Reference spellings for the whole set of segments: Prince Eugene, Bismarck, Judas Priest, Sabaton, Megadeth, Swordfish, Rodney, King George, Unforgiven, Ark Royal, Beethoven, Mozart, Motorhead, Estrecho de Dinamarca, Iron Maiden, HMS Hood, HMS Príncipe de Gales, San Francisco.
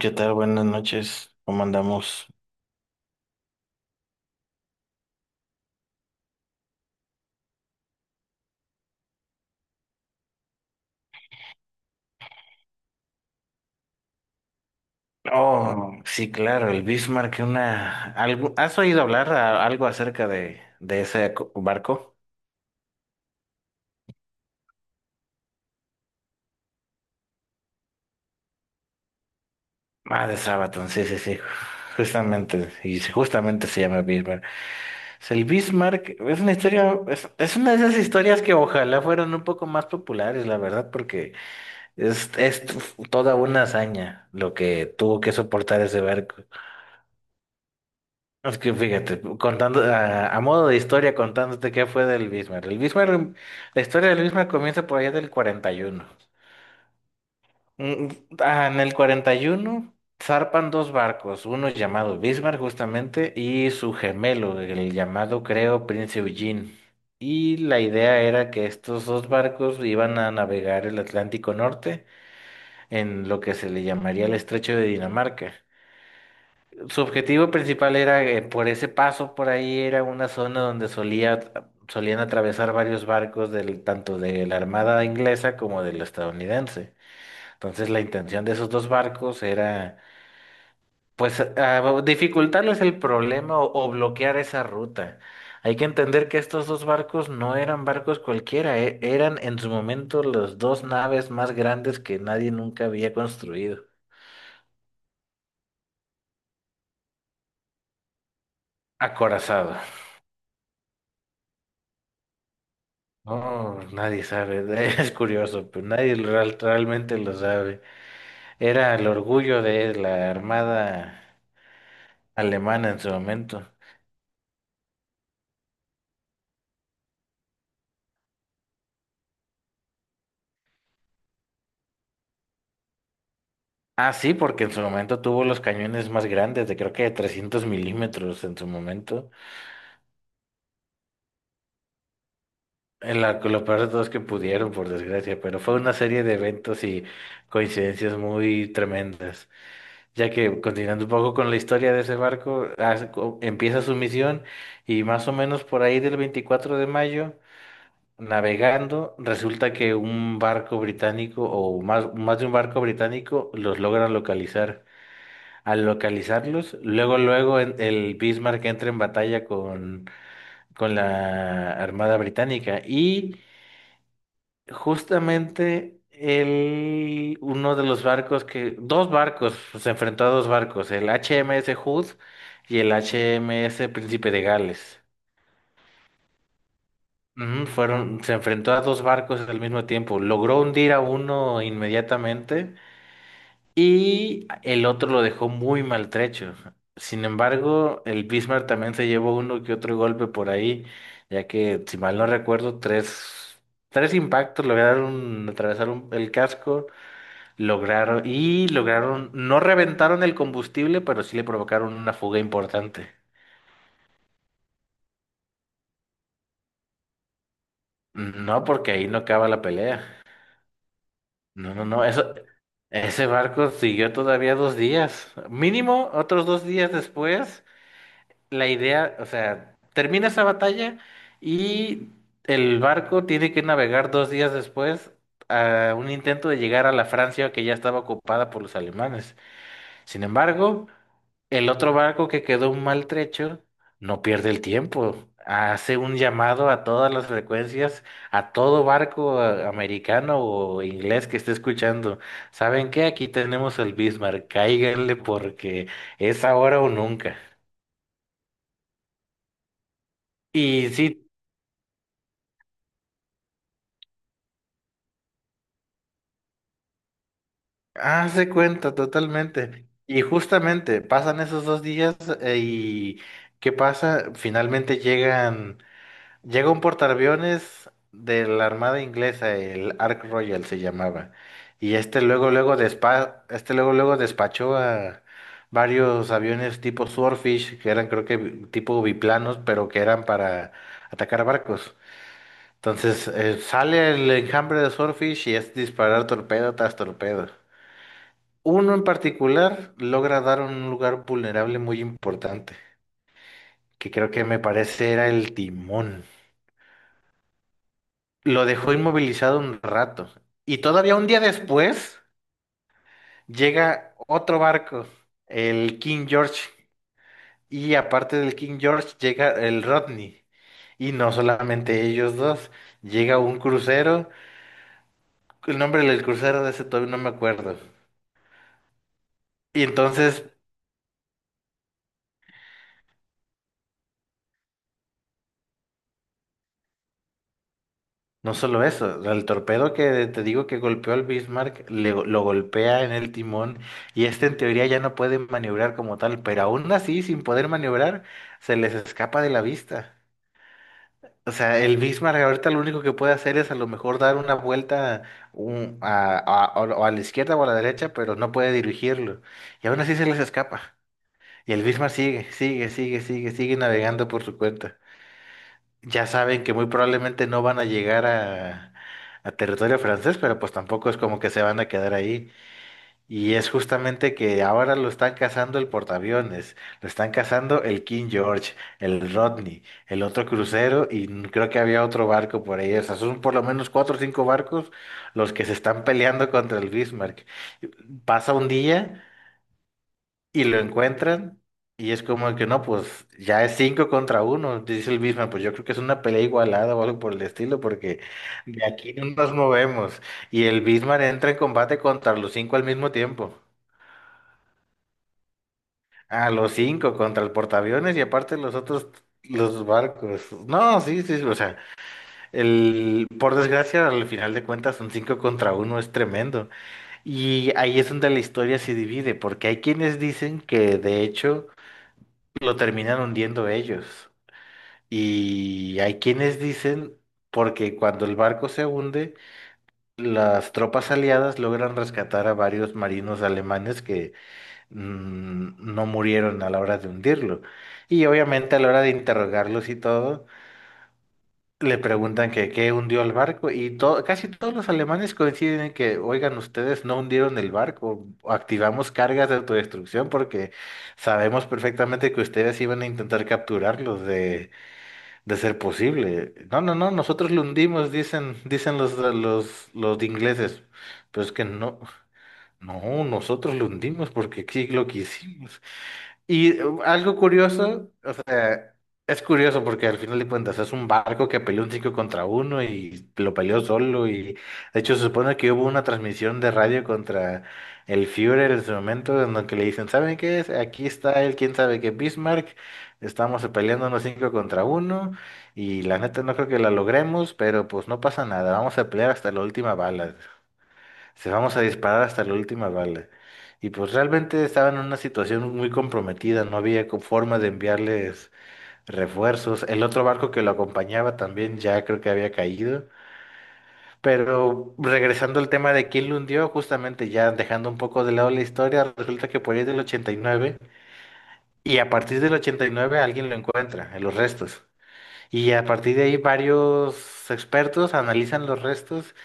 ¿Qué tal? Buenas noches. ¿Cómo andamos? Oh, sí, claro, el Bismarck, ¿Has oído hablar algo acerca de ese barco? Ah, de Sabaton, sí, sí, sí. Justamente, y sí, justamente se llama Bismarck. Es el Bismarck, es una historia, es una de esas historias que ojalá fueran un poco más populares, la verdad, porque es toda una hazaña lo que tuvo que soportar ese barco. Es que fíjate, contando a modo de historia, contándote qué fue del Bismarck. El Bismarck, la historia del Bismarck comienza por allá del 41. Mm, En el 41 zarpan dos barcos, uno llamado Bismarck justamente y su gemelo, el llamado creo Prince Eugene. Y la idea era que estos dos barcos iban a navegar el Atlántico Norte en lo que se le llamaría el Estrecho de Dinamarca. Su objetivo principal era, por ese paso por ahí, era una zona donde solían atravesar varios barcos del, tanto de la Armada inglesa como del estadounidense. Entonces la intención de esos dos barcos era, pues, dificultarles el problema o bloquear esa ruta. Hay que entender que estos dos barcos no eran barcos cualquiera, eran en su momento las dos naves más grandes que nadie nunca había construido. Acorazado. No, nadie sabe, es curioso, pero nadie realmente lo sabe. Era el orgullo de la armada alemana en su momento. Ah, sí, porque en su momento tuvo los cañones más grandes, de creo que de 300 milímetros en su momento. Lo peor de todo es que pudieron, por desgracia, pero fue una serie de eventos y coincidencias muy tremendas. Ya que, continuando un poco con la historia de ese barco, empieza su misión y más o menos por ahí del 24 de mayo. Navegando, resulta que un barco británico o más, más de un barco británico los logra localizar. Al localizarlos, luego, luego el Bismarck entra en batalla con la Armada Británica y justamente el, uno de los barcos que, dos barcos, se enfrentó a dos barcos, el HMS Hood y el HMS Príncipe de Gales. Ujú. Se enfrentó a dos barcos al mismo tiempo. Logró hundir a uno inmediatamente y el otro lo dejó muy maltrecho. Sin embargo, el Bismarck también se llevó uno que otro golpe por ahí, ya que, si mal no recuerdo, tres impactos lograron atravesar el casco, lograron y lograron, no reventaron el combustible, pero sí le provocaron una fuga importante. No, porque ahí no acaba la pelea. No, no, no, eso, ese barco siguió todavía dos días. Mínimo, otros dos días después, la idea, o sea, termina esa batalla y el barco tiene que navegar dos días después a un intento de llegar a la Francia que ya estaba ocupada por los alemanes. Sin embargo, el otro barco que quedó maltrecho no pierde el tiempo. Hace un llamado a todas las frecuencias, a todo barco, americano o inglés que esté escuchando. ¿Saben qué? Aquí tenemos el Bismarck. Cáiganle porque es ahora o nunca. Y sí, hace cuenta totalmente. Y justamente pasan esos dos días, y ¿qué pasa? Finalmente llegan. Llega un portaaviones de la Armada Inglesa, el Ark Royal se llamaba, y este luego luego despachó a varios aviones tipo Swordfish, que eran creo que tipo biplanos, pero que eran para atacar barcos. Entonces, sale el enjambre de Swordfish y es disparar torpedo tras torpedo. Uno en particular logra dar un lugar vulnerable muy importante, que creo que me parece era el timón. Lo dejó inmovilizado un rato. Y todavía un día después llega otro barco, el King George. Y aparte del King George llega el Rodney. Y no solamente ellos dos, llega un crucero. El nombre del crucero de ese todavía no me acuerdo. Y entonces, no solo eso, el torpedo que te digo que golpeó al Bismarck, lo golpea en el timón y este en teoría ya no puede maniobrar como tal, pero aún así, sin poder maniobrar, se les escapa de la vista. O sea, el Bismarck ahorita lo único que puede hacer es a lo mejor dar una vuelta o a la izquierda o a la derecha, pero no puede dirigirlo. Y aún así se les escapa. Y el Bismarck sigue, sigue, sigue, sigue, sigue navegando por su cuenta. Ya saben que muy probablemente no van a llegar a territorio francés, pero pues tampoco es como que se van a quedar ahí. Y es justamente que ahora lo están cazando el portaaviones, lo están cazando el King George, el Rodney, el otro crucero y creo que había otro barco por ahí. O sea, son por lo menos cuatro o cinco barcos los que se están peleando contra el Bismarck. Pasa un día y lo encuentran y es como que no, pues ya es cinco contra uno, dice el Bismarck. Pues yo creo que es una pelea igualada o algo por el estilo porque de aquí no nos movemos. Y el Bismarck entra en combate contra los cinco al mismo tiempo. A los cinco contra el portaaviones y aparte los otros, los barcos. No, sí, sí, o sea, el, por desgracia, al final de cuentas, un cinco contra uno es tremendo. Y ahí es donde la historia se divide, porque hay quienes dicen que de hecho lo terminan hundiendo ellos. Y hay quienes dicen, porque cuando el barco se hunde, las tropas aliadas logran rescatar a varios marinos alemanes que no murieron a la hora de hundirlo. Y obviamente a la hora de interrogarlos y todo, le preguntan que qué hundió el barco y casi todos los alemanes coinciden en que, oigan, ustedes no hundieron el barco, activamos cargas de autodestrucción porque sabemos perfectamente que ustedes iban a intentar capturarlos de ser posible. No, no, no, nosotros lo hundimos, dicen los ingleses. Pero es que no, no, nosotros lo hundimos porque aquí lo quisimos. Y algo curioso, o sea, es curioso porque al final de cuentas es un barco que peleó un 5 contra uno y lo peleó solo y de hecho se supone que hubo una transmisión de radio contra el Führer en su momento en donde le dicen, ¿saben qué es? Aquí está el quién sabe qué Bismarck, estamos peleando unos 5 contra uno y la neta no creo que la logremos, pero pues no pasa nada, vamos a pelear hasta la última bala. Se vamos a disparar hasta la última bala. Y pues realmente estaban en una situación muy comprometida, no había forma de enviarles refuerzos. El otro barco que lo acompañaba también ya creo que había caído. Pero regresando al tema de quién lo hundió, justamente ya dejando un poco de lado la historia, resulta que por ahí del 89 y a partir del 89 alguien lo encuentra en los restos. Y a partir de ahí varios expertos analizan los restos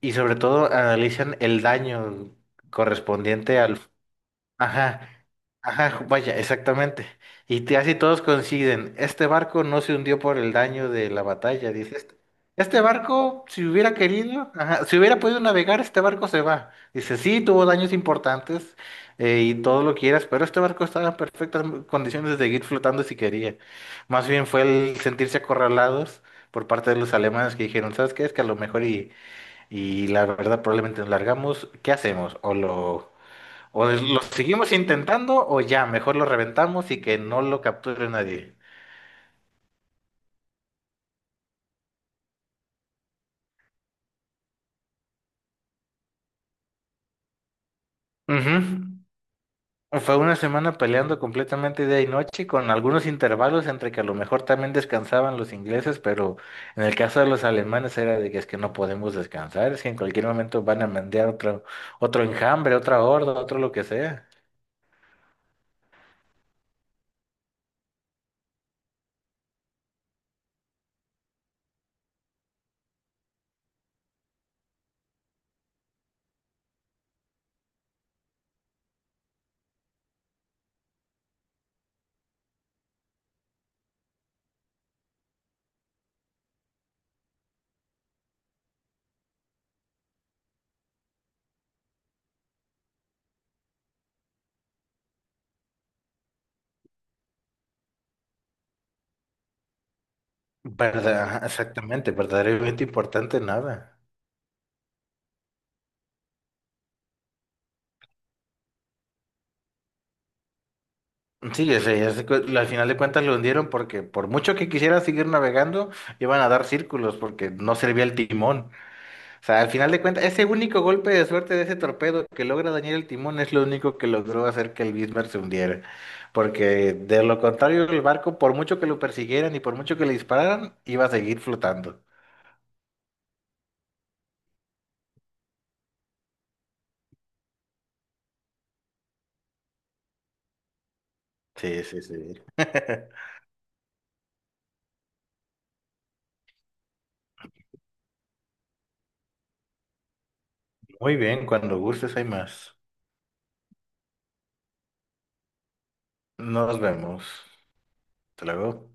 y sobre todo analizan el daño correspondiente al... Ajá, ajá, vaya, exactamente. Y casi todos coinciden, este barco no se hundió por el daño de la batalla, dice este. Este barco, si hubiera querido, ajá, si hubiera podido navegar, este barco se va. Dice, sí, tuvo daños importantes, y todo lo quieras, pero este barco estaba en perfectas condiciones de seguir flotando si quería. Más bien fue el sentirse acorralados por parte de los alemanes que dijeron, ¿sabes qué? Es que a lo mejor y la verdad, probablemente nos largamos. ¿Qué hacemos? o lo, seguimos intentando o ya, mejor lo reventamos y que no lo capture nadie? Ujú. Fue una semana peleando completamente día y noche con algunos intervalos entre que a lo mejor también descansaban los ingleses, pero en el caso de los alemanes era de que es que no podemos descansar, es que en cualquier momento van a mandar otro enjambre, otra horda, otro lo que sea. Verdad, exactamente, verdaderamente importante nada. Sí, o sea, al final de cuentas lo hundieron porque por mucho que quisiera seguir navegando, iban a dar círculos porque no servía el timón. O sea, al final de cuentas, ese único golpe de suerte de ese torpedo que logra dañar el timón es lo único que logró hacer que el Bismarck se hundiera. Porque de lo contrario, el barco, por mucho que lo persiguieran y por mucho que le dispararan, iba a seguir flotando. Sí, sí, sí. Muy bien, cuando gustes hay más. Nos vemos. Hasta luego.